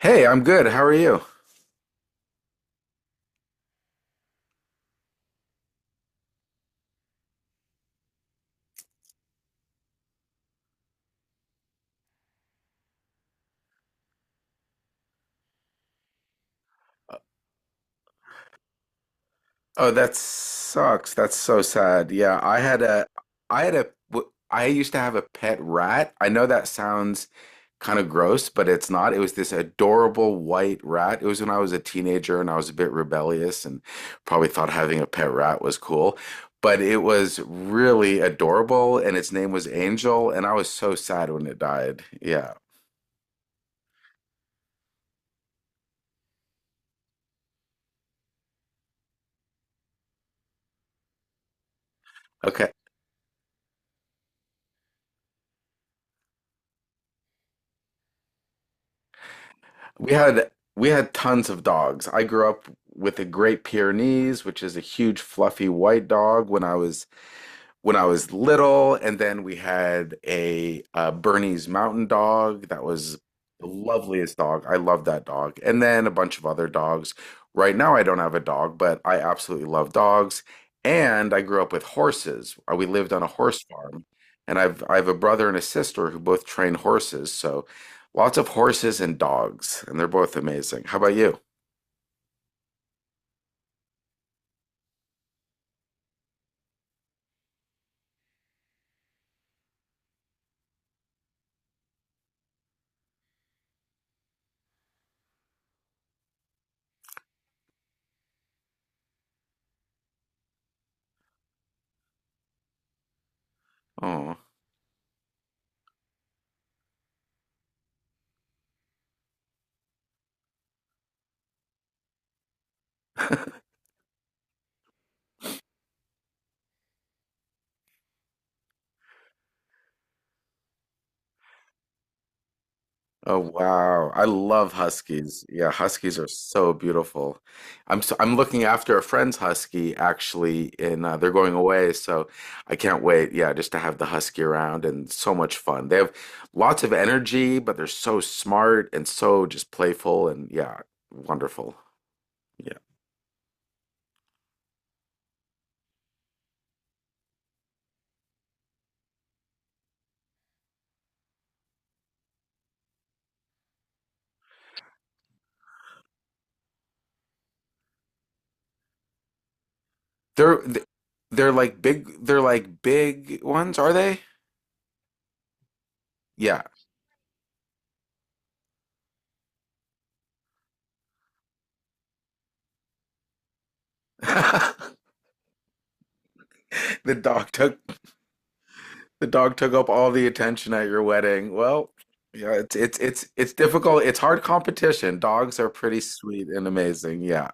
Hey, I'm good. How are you? Oh, that sucks. That's so sad. Yeah, I had a, I used to have a pet rat. I know that sounds kind of gross, but it's not. It was this adorable white rat. It was when I was a teenager and I was a bit rebellious and probably thought having a pet rat was cool. But it was really adorable and its name was Angel, and I was so sad when it died. Yeah. Okay. We had tons of dogs. I grew up with a Great Pyrenees, which is a huge fluffy white dog when I was little, and then we had a Bernese Mountain Dog that was the loveliest dog. I love that dog, and then a bunch of other dogs. Right now, I don't have a dog, but I absolutely love dogs. And I grew up with horses. We lived on a horse farm, and I have a brother and a sister who both train horses. So lots of horses and dogs, and they're both amazing. How about you? Oh. Oh wow. I love huskies. Yeah, huskies are so beautiful. I'm looking after a friend's husky actually and they're going away, so I can't wait. Yeah, just to have the husky around and so much fun. They have lots of energy, but they're so smart and so just playful and yeah, wonderful. Yeah. They're th- they're like big ones, are they? Yeah. The dog took The dog took up all the attention at your wedding. Well, yeah, it's difficult. It's hard competition. Dogs are pretty sweet and amazing. Yeah.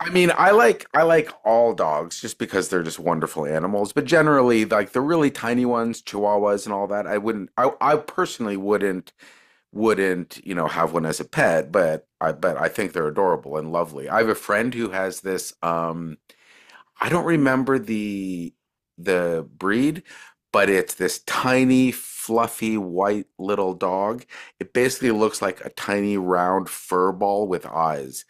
I mean, I like all dogs just because they're just wonderful animals, but generally like the really tiny ones, chihuahuas and all that, I personally wouldn't, you know, have one as a pet, but I think they're adorable and lovely. I have a friend who has this. I don't remember the breed, but it's this tiny, fluffy, white little dog. It basically looks like a tiny round fur ball with eyes.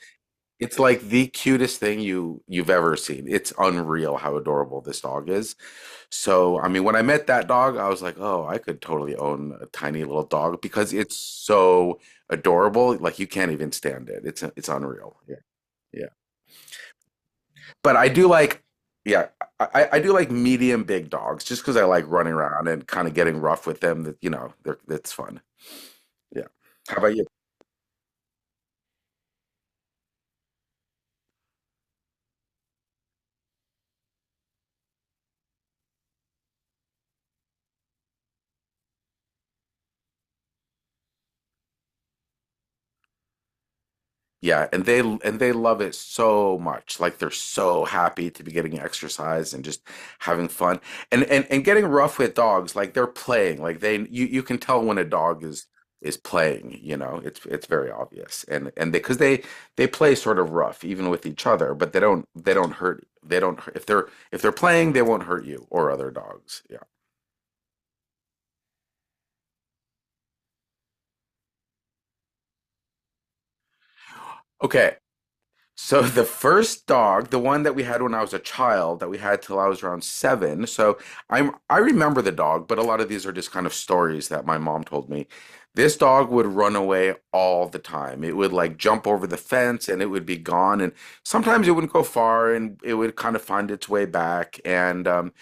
It's like the cutest thing you've ever seen. It's unreal how adorable this dog is. So, I mean, when I met that dog, I was like, "Oh, I could totally own a tiny little dog because it's so adorable. Like you can't even stand it. It's unreal." Yeah. Yeah. But I do like, yeah, I do like medium big dogs just because I like running around and kind of getting rough with them. That you know, they're, it's fun. Yeah. How about you? Yeah, and they love it so much. Like they're so happy to be getting exercise and just having fun. And getting rough with dogs, like they're playing. Like they you can tell when a dog is playing, you know. It's very obvious. And they because they play sort of rough even with each other, but they don't hurt they don't If they're playing, they won't hurt you or other dogs. Yeah. Okay. So the first dog, the one that we had when I was a child, that we had till I was around seven. So I remember the dog, but a lot of these are just kind of stories that my mom told me. This dog would run away all the time. It would like jump over the fence and it would be gone. And sometimes it wouldn't go far and it would kind of find its way back. And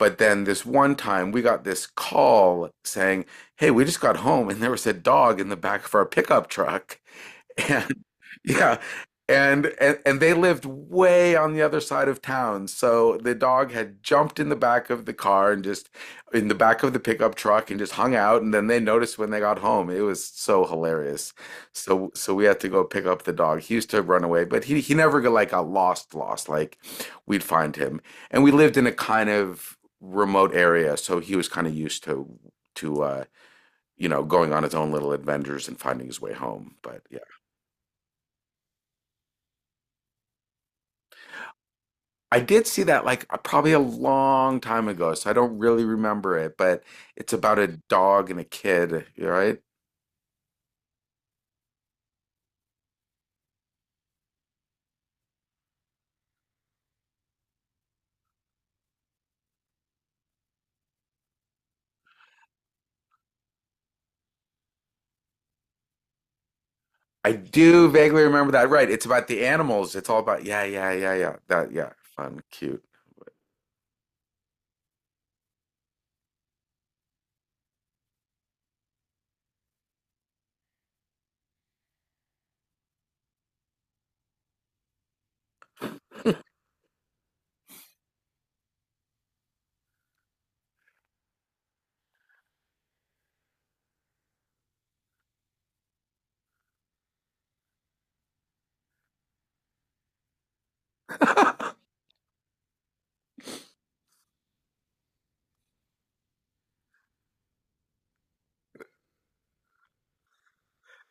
but then this one time we got this call saying, hey, we just got home and there was a dog in the back of our pickup truck. And yeah. And they lived way on the other side of town. So the dog had jumped in the back of the car and just in the back of the pickup truck and just hung out. And then they noticed when they got home. It was so hilarious. So we had to go pick up the dog. He used to run away, but he never got like got lost, lost. Like we'd find him. And we lived in a kind of remote area, so he was kind of used to to uh, you know, going on his own little adventures and finding his way home. But I did see that like probably a long time ago, so I don't really remember it, but it's about a dog and a kid, you're right? I do vaguely remember that. Right. It's about the animals. It's all about yeah, yeah, yeah, yeah. That yeah, fun, cute.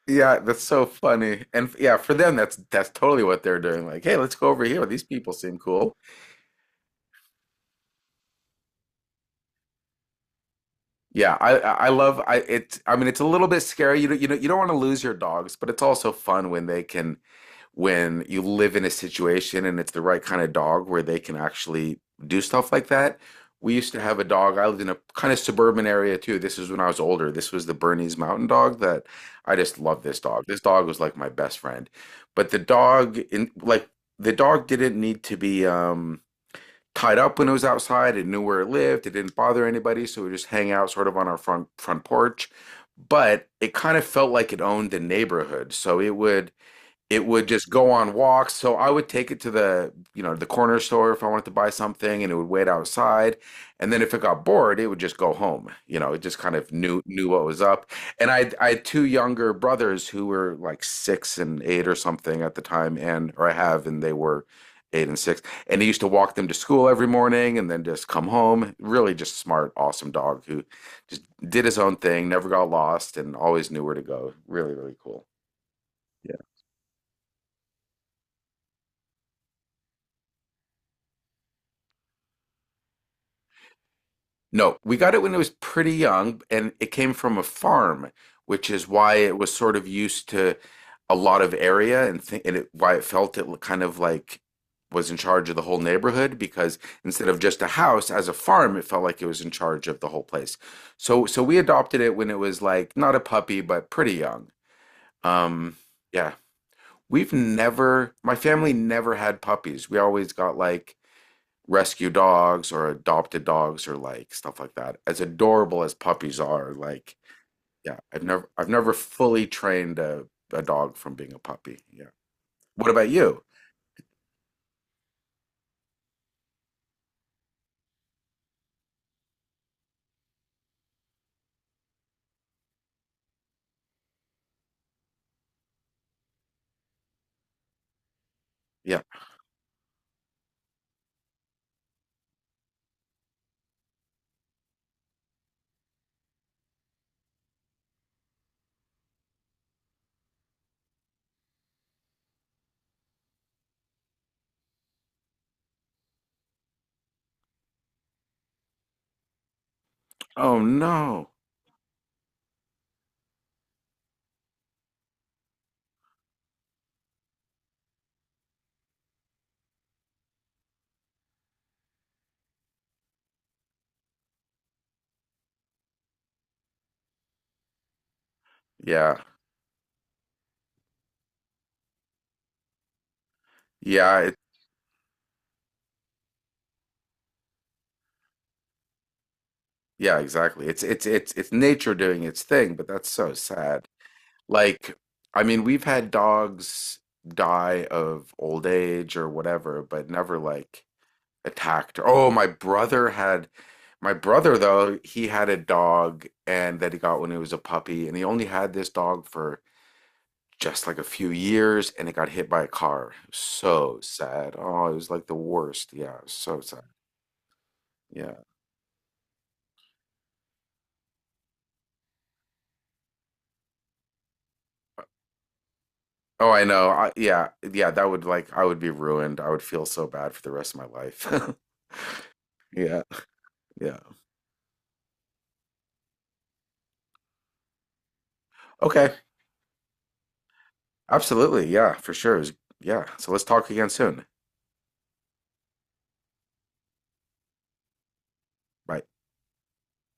Yeah, that's so funny. Yeah, for them that's totally what they're doing. Like, hey, let's go over here. These people seem cool. Yeah, I love I It's I mean it's a little bit scary. You know you don't want to lose your dogs, but it's also fun when they can when you live in a situation and it's the right kind of dog where they can actually do stuff like that. We used to have a dog. I lived in a kind of suburban area too. This is when I was older. This was the Bernese Mountain Dog that I just loved this dog. This dog was like my best friend. But the dog didn't need to be tied up when it was outside. It knew where it lived. It didn't bother anybody, so we just hang out sort of on our front porch. But it kind of felt like it owned the neighborhood. So it would just go on walks. So I would take it to the, you know, the corner store if I wanted to buy something and it would wait outside. And then if it got bored, it would just go home. You know, it just kind of knew what was up. And I had two younger brothers who were like six and eight or something at the time, and or I have, and they were eight and six. And he used to walk them to school every morning and then just come home. Really just smart, awesome dog who just did his own thing, never got lost, and always knew where to go. Really, really cool. No, we got it when it was pretty young, and it came from a farm, which is why it was sort of used to a lot of area and why it felt it kind of like was in charge of the whole neighborhood because instead of just a house as a farm, it felt like it was in charge of the whole place. So we adopted it when it was like not a puppy, but pretty young. Um, yeah, we've never, my family never had puppies. We always got like rescue dogs or adopted dogs or like stuff like that. As adorable as puppies are, like yeah, I've never fully trained a dog from being a puppy. Yeah. What about you? Yeah. Oh no. Yeah. Yeah, it, yeah, exactly. It's nature doing its thing, but that's so sad. Like I mean, we've had dogs die of old age or whatever, but never like attacked her. Oh, my brother though, he had a dog and that he got when he was a puppy and he only had this dog for just like a few years and it got hit by a car. So sad. Oh, it was like the worst. Yeah, so sad. Yeah. Oh, I know. I, yeah. Yeah, that would like I would be ruined. I would feel so bad for the rest of my life. Yeah. Yeah. Okay. Absolutely. Yeah, for sure. It was- yeah. So let's talk again soon. Bye.